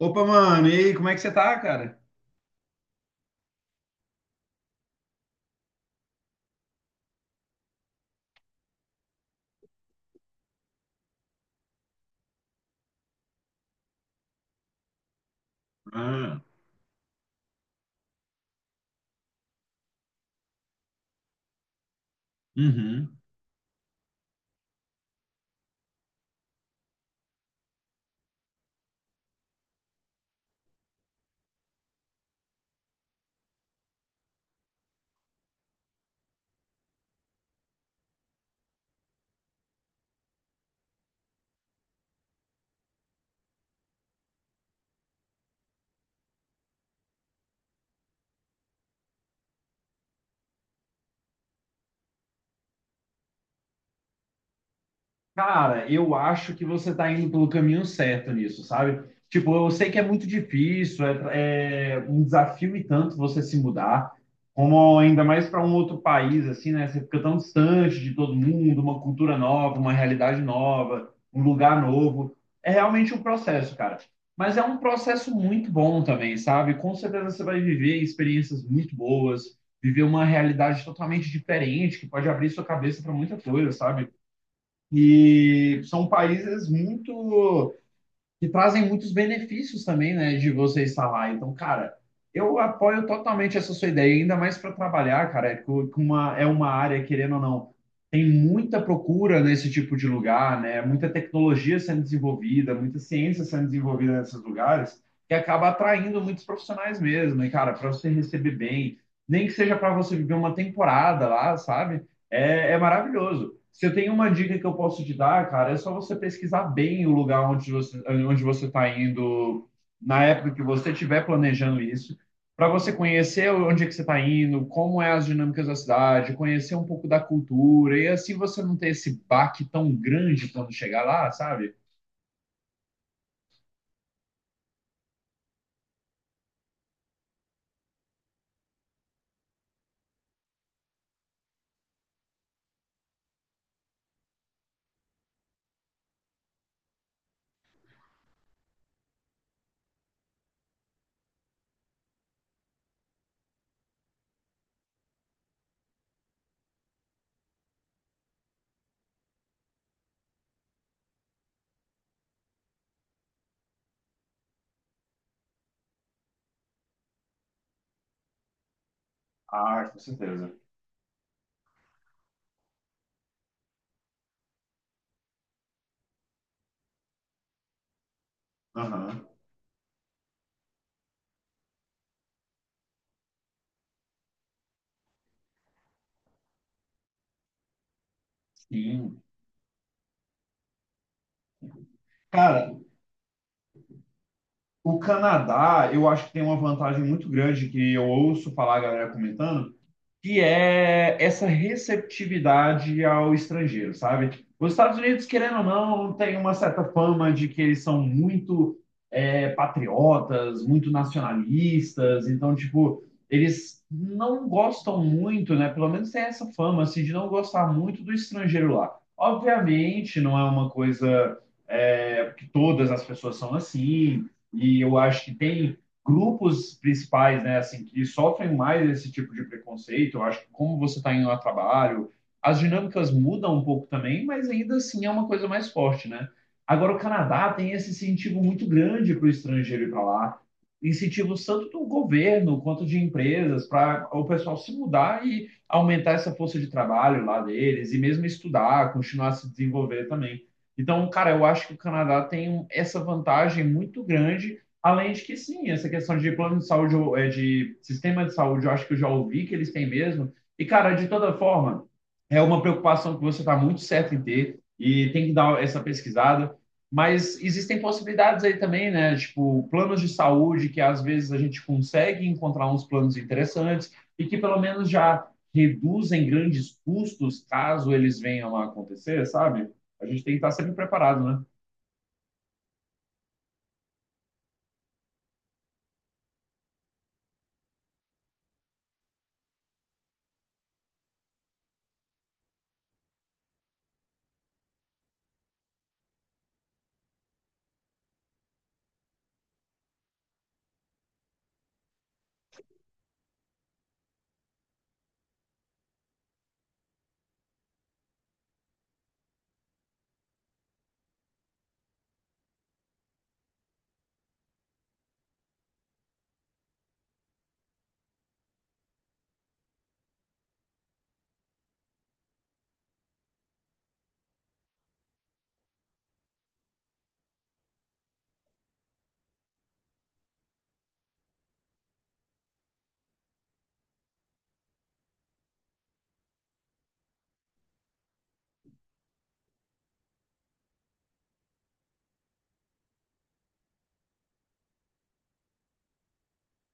Opa, mano, e aí, como é que você tá, cara? Ah, uhum. Cara, eu acho que você está indo pelo caminho certo nisso, sabe? Tipo, eu sei que é muito difícil, é um desafio e tanto você se mudar, como ainda mais para um outro país, assim, né? Você fica tão distante de todo mundo, uma cultura nova, uma realidade nova, um lugar novo. É realmente um processo, cara. Mas é um processo muito bom também, sabe? Com certeza você vai viver experiências muito boas, viver uma realidade totalmente diferente, que pode abrir sua cabeça para muita coisa, sabe? E são países muito que trazem muitos benefícios também, né, de você estar lá. Então, cara, eu apoio totalmente essa sua ideia, ainda mais para trabalhar, cara, com uma, é uma área, querendo ou não, tem muita procura nesse tipo de lugar, né? Muita tecnologia sendo desenvolvida, muita ciência sendo desenvolvida nesses lugares, que acaba atraindo muitos profissionais mesmo. E, cara, para você receber bem, nem que seja para você viver uma temporada lá, sabe? É maravilhoso. Se eu tenho uma dica que eu posso te dar, cara, é só você pesquisar bem o lugar onde você está indo na época que você estiver planejando isso, para você conhecer onde é que você está indo, como é as dinâmicas da cidade, conhecer um pouco da cultura e assim você não ter esse baque tão grande quando chegar lá, sabe? Ah, com certeza. Aham. Sim. Cara, o Canadá, eu acho que tem uma vantagem muito grande que eu ouço falar a galera comentando, que é essa receptividade ao estrangeiro, sabe? Os Estados Unidos, querendo ou não, tem uma certa fama de que eles são muito patriotas, muito nacionalistas, então, tipo, eles não gostam muito, né? Pelo menos tem essa fama, assim, de não gostar muito do estrangeiro lá. Obviamente, não é uma coisa que todas as pessoas são assim, e eu acho que tem grupos principais, né, assim, que sofrem mais esse tipo de preconceito. Eu acho que como você está indo a trabalho, as dinâmicas mudam um pouco também, mas ainda assim é uma coisa mais forte, né? Agora, o Canadá tem esse incentivo muito grande para o estrangeiro ir para lá, incentivos tanto do governo quanto de empresas para o pessoal se mudar e aumentar essa força de trabalho lá deles, e mesmo estudar, continuar a se desenvolver também. Então, cara, eu acho que o Canadá tem essa vantagem muito grande. Além de que, sim, essa questão de plano de saúde, é, de sistema de saúde, eu acho que eu já ouvi que eles têm mesmo. E, cara, de toda forma, é uma preocupação que você está muito certo em ter e tem que dar essa pesquisada. Mas existem possibilidades aí também, né? Tipo, planos de saúde que às vezes a gente consegue encontrar uns planos interessantes e que pelo menos já reduzem grandes custos caso eles venham a acontecer, sabe? A gente tem que estar sempre preparado, né?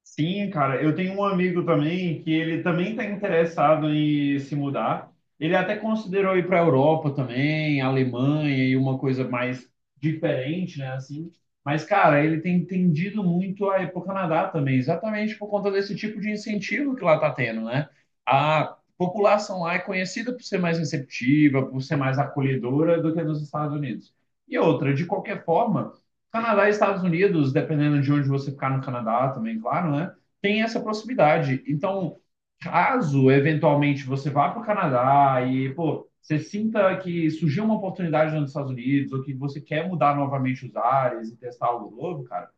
Sim, cara, eu tenho um amigo também que ele também está interessado em se mudar. Ele até considerou ir para a Europa também, Alemanha e uma coisa mais diferente, né, assim. Mas, cara, ele tem tendido muito a ir para o Canadá também, exatamente por conta desse tipo de incentivo que lá está tendo, né? A população lá é conhecida por ser mais receptiva, por ser mais acolhedora do que nos Estados Unidos. E outra, de qualquer forma Canadá e Estados Unidos, dependendo de onde você ficar no Canadá também, claro, né? Tem essa proximidade. Então, caso eventualmente você vá para o Canadá e, pô, você sinta que surgiu uma oportunidade nos Estados Unidos ou que você quer mudar novamente os ares e testar algo novo, cara,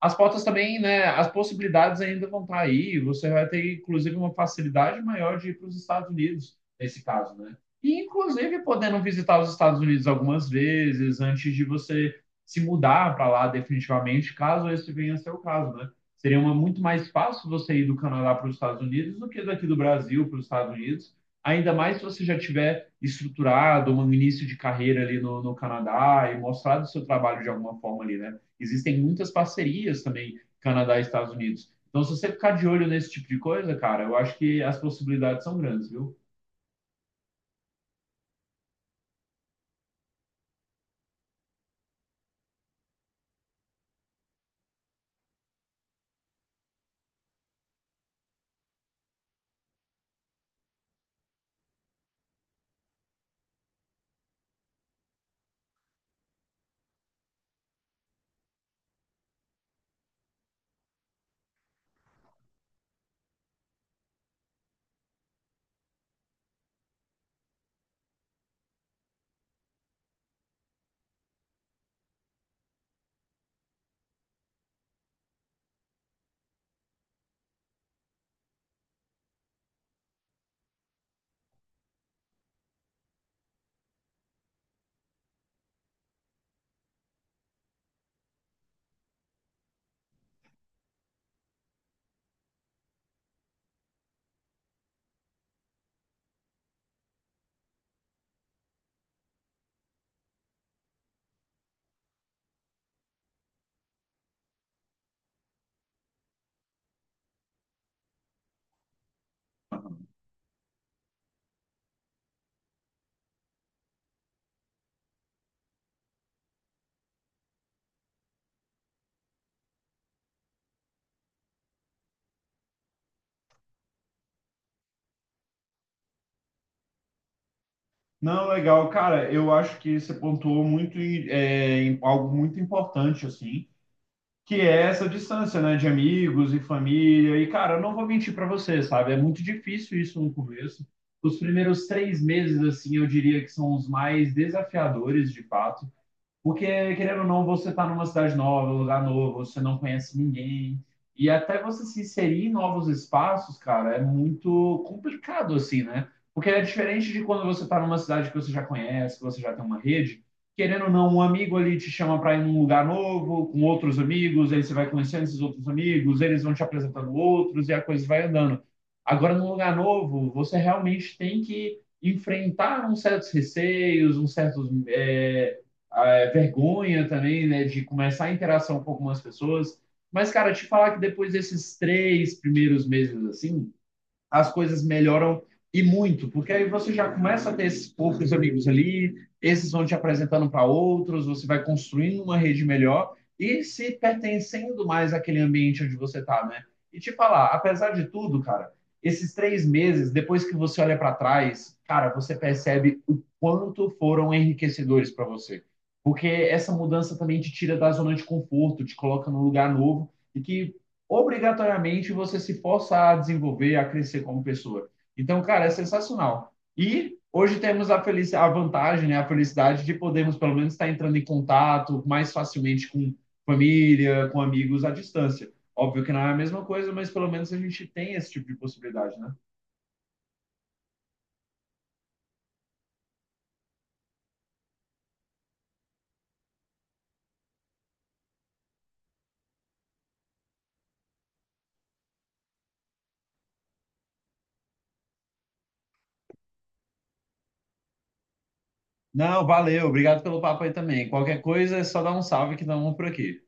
as pautas também, né? As possibilidades ainda vão estar aí. Você vai ter, inclusive, uma facilidade maior de ir para os Estados Unidos, nesse caso, né? E, inclusive, podendo visitar os Estados Unidos algumas vezes antes de você se mudar para lá definitivamente, caso esse venha a ser o caso, né? Seria muito mais fácil você ir do Canadá para os Estados Unidos do que daqui do Brasil para os Estados Unidos, ainda mais se você já tiver estruturado um início de carreira ali no Canadá e mostrado o seu trabalho de alguma forma ali, né? Existem muitas parcerias também, Canadá e Estados Unidos. Então, se você ficar de olho nesse tipo de coisa, cara, eu acho que as possibilidades são grandes, viu? Não, legal, cara. Eu acho que você pontuou muito em, é, em algo muito importante, assim, que é essa distância, né, de amigos e família. E, cara, eu não vou mentir para você, sabe? É muito difícil isso no começo. Os primeiros 3 meses, assim, eu diria que são os mais desafiadores, de fato. Porque, querendo ou não, você está numa cidade nova, num lugar novo, você não conhece ninguém. E até você se inserir em novos espaços, cara, é muito complicado, assim, né? Porque é diferente de quando você está numa cidade que você já conhece, que você já tem uma rede. Querendo ou não, um amigo ali te chama para ir num lugar novo, com outros amigos, aí você vai conhecendo esses outros amigos, eles vão te apresentando outros e a coisa vai andando. Agora, num lugar novo, você realmente tem que enfrentar uns certos receios, uns certos, vergonha também, né, de começar a interação com algumas pessoas. Mas, cara, te falar que depois desses 3 primeiros meses, assim, as coisas melhoram e muito, porque aí você já começa a ter esses poucos amigos ali, esses vão te apresentando para outros, você vai construindo uma rede melhor e se pertencendo mais àquele ambiente onde você está, né? E te falar, apesar de tudo, cara, esses 3 meses, depois que você olha para trás, cara, você percebe o quanto foram enriquecedores para você. Essa mudança também te tira da zona de conforto, te coloca num lugar novo e que obrigatoriamente você se força a desenvolver, a crescer como pessoa. Então, cara, é sensacional. E hoje temos a, feliz, a vantagem, né, a felicidade de podermos pelo menos estar entrando em contato mais facilmente com família, com amigos à distância. Óbvio que não é a mesma coisa, mas pelo menos a gente tem esse tipo de possibilidade, né? Não, valeu, obrigado pelo papo aí também. Qualquer coisa é só dar um salve que dá um por aqui.